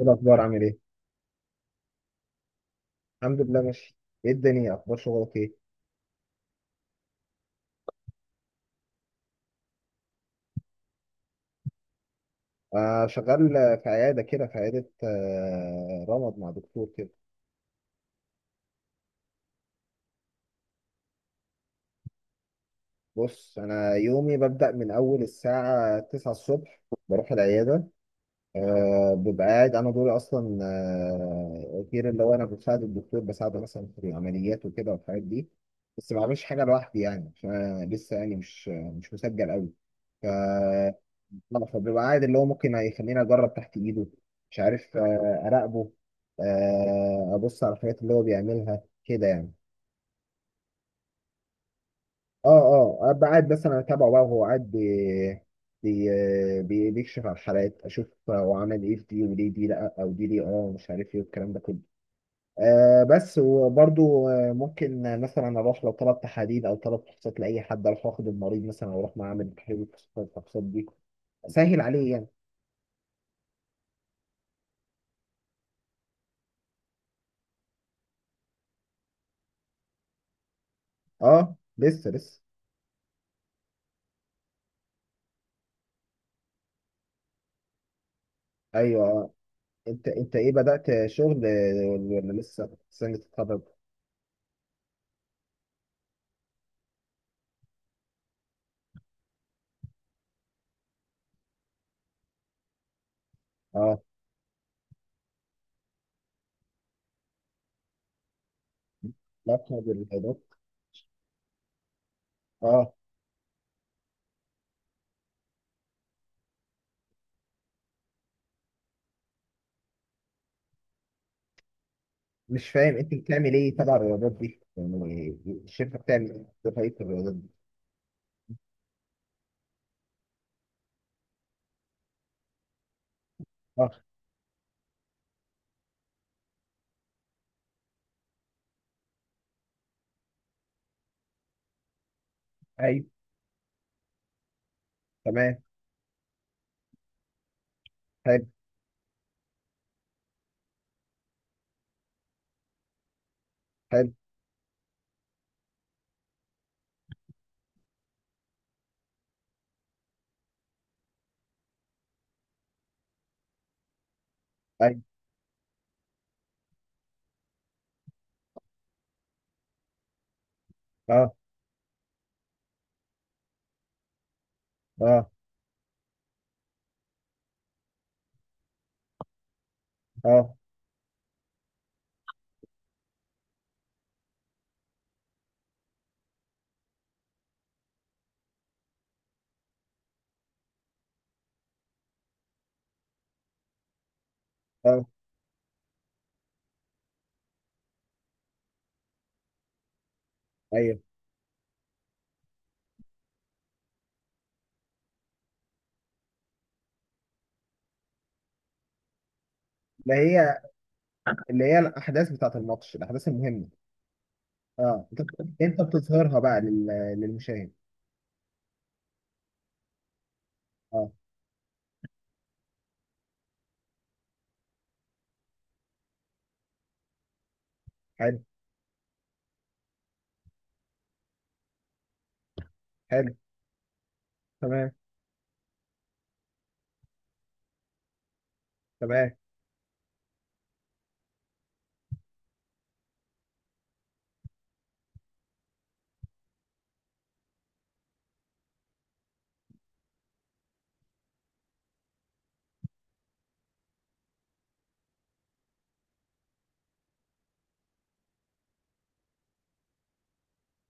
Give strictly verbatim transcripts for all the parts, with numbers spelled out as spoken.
ايه الاخبار؟ عامل ايه؟ الحمد لله، ماشي. ايه الدنيا، اخبار شغلك ايه؟ آه، شغال. في عياده كده في عياده، آه رمض مع دكتور كده. بص، انا يومي ببدا من اول الساعه تسعة الصبح. بروح العياده. آه ببقى قاعد، انا دوري اصلا. آه غير اللي هو انا بساعد الدكتور، بساعده مثلا في العمليات وكده والحاجات دي. بس ما بعملش حاجه لوحدي يعني، عشان أنا لسه يعني مش مش مسجل قوي. ف لا، فبيبقى قاعد اللي هو ممكن هيخليني اجرب تحت ايده. مش عارف، آه اراقبه. آه ابص على الحاجات اللي هو بيعملها كده يعني. اه. اه، ابقى قاعد مثلا اتابعه بقى، وهو قاعد بي بي بي- بيكشف على الحالات، اشوف هو عمل ايه في دي وليه دي لا او دي ليه، اه مش عارف ايه والكلام ده كله. آه بس وبرضو، آه، ممكن مثلا اروح لو طلب تحاليل او طلب فحوصات لاي حد، اروح واخد المريض مثلا واروح معاه اعمل تحليل الفحوصات الفحوصات دي. سهل عليه يعني. اه، لسه لسه. ايوه، آه. انت انت، ايه بدأت شغل آه، ولا لسه سنة تتخرج؟ اه. لا، بتاخد الهيدات. اه. مش فاهم انت بتعمل ايه تبع الرياضات دي يعني؟ الشركه بتعمل ايه دفعيه الرياضات دي؟ اه. ايوه. تمام. حلو. حلو. ايوه. اه. اه. اه. اه. ايوه. اللي هي. اللي هي الاحداث بتاعت الماتش، الاحداث المهمه. اه، انت انت بتظهرها بقى لل... للمشاهد؟ اه. حلو. حلو. تمام. تمام.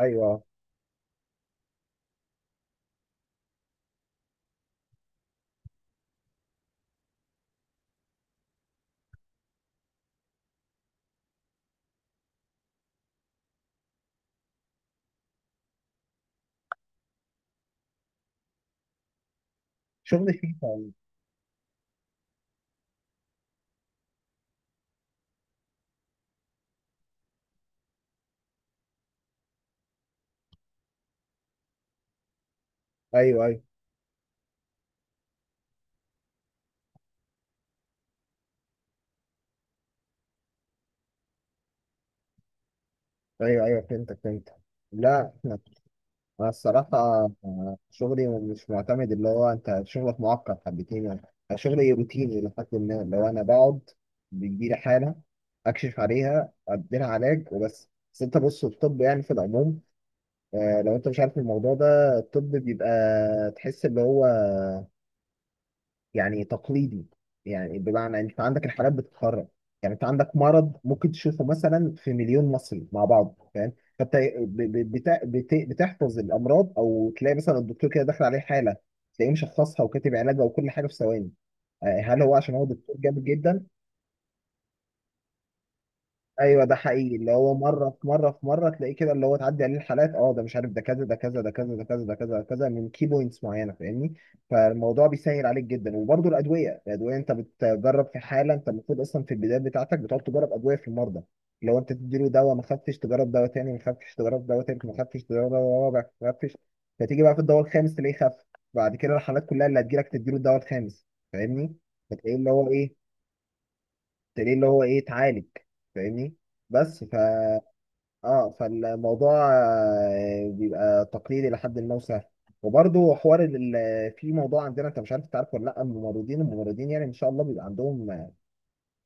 ايوه، اه. شغل فيفا. ايوه، ايوه. ايوه، ايوه، فهمتك، فهمتك. لا، احنا. أنا الصراحة. شغلي مش معتمد، اللي هو أنت شغلك معقد حبتين يعني. أنا شغلي روتيني، لحد ما لو أنا بقعد بيجيلي حالة، أكشف عليها أديلها علاج وبس. بس أنت بص، الطب يعني في العموم، آه، لو أنت مش عارف الموضوع ده، الطب بيبقى تحس اللي هو يعني تقليدي. يعني بمعنى انت عندك الحالات بتتكرر. يعني انت عندك مرض ممكن تشوفه مثلا في مليون مصري مع بعض، فاهم؟ فانت ب- ب- بتا- بت- بتحفظ الامراض، او تلاقي مثلا الدكتور كده داخل عليه حاله، تلاقيه مشخصها وكاتب علاجها وكل حاجه في ثواني. آه، هل هو عشان هو دكتور جامد جدا؟ ايوه، ده حقيقي، اللي هو مره في مره في مره تلاقيه كده، اللي هو تعدي عليه الحالات، اه ده مش عارف، ده كذا ده كذا ده كذا ده كذا ده كذا ده كذا، من كي بوينتس معينه، فاهمني؟ فالموضوع بيسهل عليك جدا. وبرده الادويه الادويه انت بتجرب في حاله، انت المفروض اصلا في البدايه بتاعتك بتقعد تجرب ادويه في المرضى. لو انت تديله دواء ما خفش، تجرب دواء تاني ما خفش، تجرب دواء تالت ما خفش، تجرب دواء رابع ما خفش. فتيجي بقى في الدواء الخامس تلاقيه خف. بعد كده الحالات كلها اللي هتجيلك تديله الدواء الخامس. فاهمني؟ فتلاقيه اللي هو ايه، ليه اللي هو ايه، اتعالج. فاهمني؟ بس. ف اه، فالموضوع آه، بيبقى تقليدي لحد ما وسهل. وبرضه حوار ال- ال- في موضوع عندنا، انت مش عارف تعرف ولا لا، الممرضين، الممرضين يعني ان شاء الله بيبقى عندهم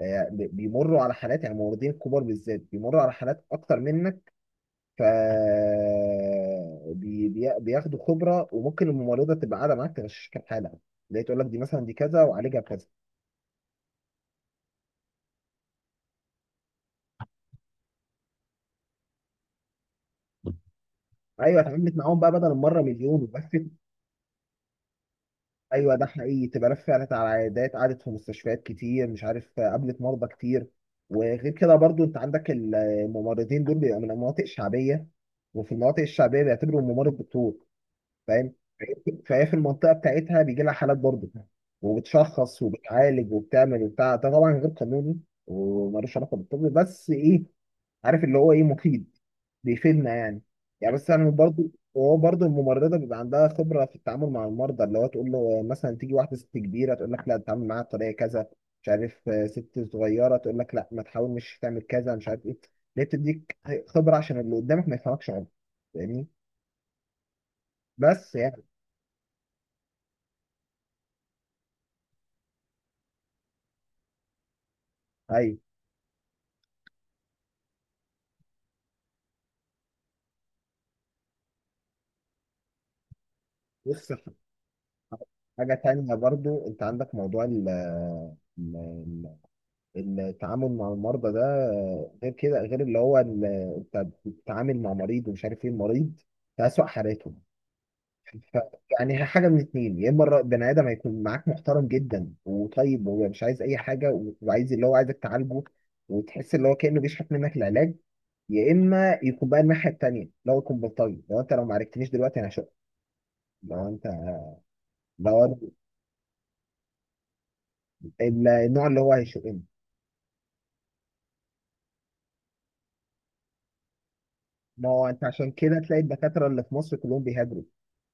آه، بي- بيمروا على حالات، يعني الممرضين الكبار بالذات بيمروا على حالات اكتر منك. ف بي- بي- بياخدوا خبره، وممكن الممرضه تبقى قاعده معاك تغششك الحاله، اللي هي تقول لك دي مثلا دي كذا، وعالجها بكذا. ايوه، اتعاملت معاهم بقى بدل المره مليون وبس. ايوه، ده حقيقي، تبقى ناس فعلت على عيادات، قعدت في مستشفيات كتير مش عارف، قابلت مرضى كتير. وغير كده برضو انت عندك الممرضين دول بيبقى من المناطق الشعبيه، وفي المناطق الشعبيه بيعتبروا الممرض دكتور. فاهم؟ فهي في المنطقه بتاعتها بيجي لها حالات برضو، وبتشخص وبتعالج وبتعمل وبتاع، ده طبعا غير قانوني ومالوش علاقه بالطب، بس ايه؟ عارف اللي هو ايه، مفيد. بيفيدنا يعني. يعني بس انا برضو وهو برضو، الممرضه بيبقى عندها خبره في التعامل مع المرضى، اللي هو تقول له مثلا تيجي واحده ست كبيره تقول لك لا تتعامل معاها بطريقه كذا. مش عارف، آه، ست صغيره تقول لك لا ما تحاولش تعمل كذا، مش عارف ايه. ليه بتديك خبره عشان اللي قدامك ما يفهمكش غلط. فاهمني؟ بس يعني. ايوه. بص، حاجه تانية برضو، انت عندك موضوع ال التعامل مع المرضى ده. غير كده غير اللي هو ال- انت بتتعامل مع مريض، ومش عارف ايه، المريض في أسوأ حالاته. ف يعني هي حاجه من اتنين، يا اما الر- بني ادم هيكون معاك محترم جدا وطيب، وهو مش عايز اي حاجه، وعايز اللي هو عايزك تعالجه، وتحس اللي هو كانه بيشحت منك العلاج. يا اما يكون بقى الناحيه التانيه، لو يكون بلطجي، لو انت لو ما عرفتنيش دلوقتي انا هشق. لو انت لو أنا- ال- النوع اللي هو هيشقني. ما هو انت عشان كده تلاقي الدكاتره اللي في مصر كلهم بيهاجروا.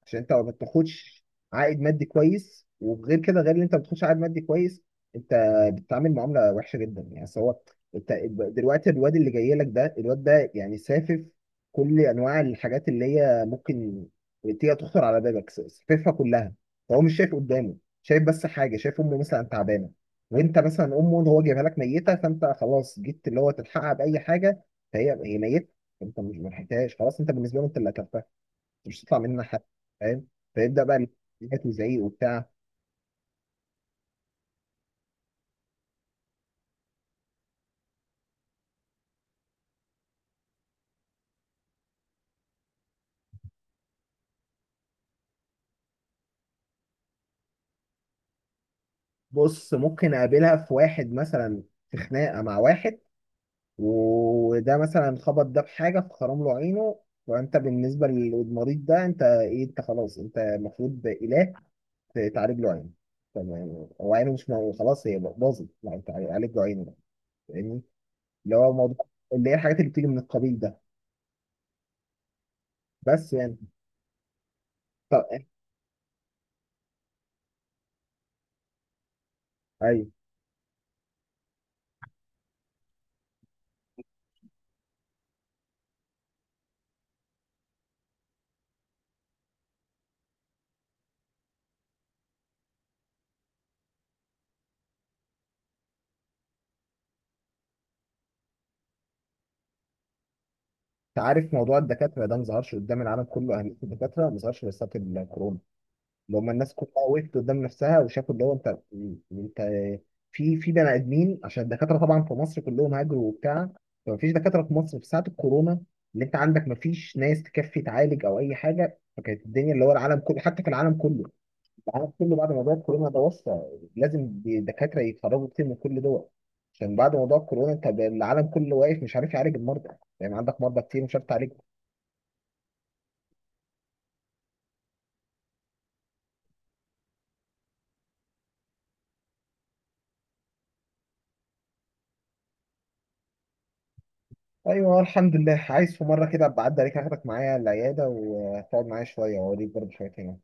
عشان انت ما بتاخدش عائد مادي كويس، وغير كده غير ان انت ما بتاخدش عائد مادي كويس، انت بتتعامل معامله وحشه جدا، يعني سواء انت دلوقتي، الواد اللي جاي لك ده، الواد ده يعني سافف كل انواع الحاجات اللي هي ممكن تيجي تخطر على بالك، س- ساففها كلها. فهو مش شايف قدامه، شايف بس حاجه، شايف امه مثلا تعبانه. وانت مثلا امه اللي هو جايبها لك ميته، فانت خلاص جيت اللي هو تلحقها باي حاجه، فهي هي ميته. انت مش ما لحقتهاش، خلاص، انت بالنسبه له انت اللي قتلتها. مش هتطلع مننا حاجه. فاهم؟ فيبدا بقى الحاجات وزعيق وبتاع. بص، ممكن اقابلها في واحد مثلا في خناقه مع واحد، وده مثلا خبط ده بحاجه فخرم له عينه. وانت بالنسبه للمريض ده انت ايه؟ انت خلاص، انت المفروض اله تعالج له عينه. تمام. هو عينه مش مو- خلاص هي باظت، لا انت عالج له عينه بقى. فاهمني؟ اللي هو موضوع، اللي هي الحاجات اللي بتيجي من القبيل ده. بس يعني. طب. ايوه. انت عارف موضوع الدكاتره ده؟ ما ظهرش قدام العالم كله اهميه الدكاتره، ما ظهرش غير ساعه الكورونا. اللي هم الناس كلها وقفت قدام نفسها، وشافوا اللي هو انت انت في في بني ادمين، عشان الدكاتره طبعا في مصر كلهم هاجروا وبتاع. فما فيش دكاتره في مصر في ساعه الكورونا. اللي انت عندك ما فيش ناس تكفي تعالج او اي حاجه، فكانت الدنيا اللي هو العالم كله، حتى في العالم كله. العالم كله بعد موضوع الكورونا ده وصل لازم دكاتره يتخرجوا كتير من كل دول. عشان بعد موضوع الكورونا انت العالم كله واقف مش عارف يعالج المرضى. يعني عندك مرضى كتير مش عارف تعالج. ايوه، الحمد لله، عايز في مره كده ابقى اعدي عليك، اخدك معايا العياده وتقعد معايا شويه، واوريك برضه شويه هنا.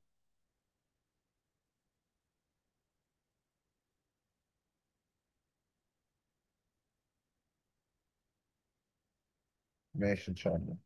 ماشي ان شاء الله.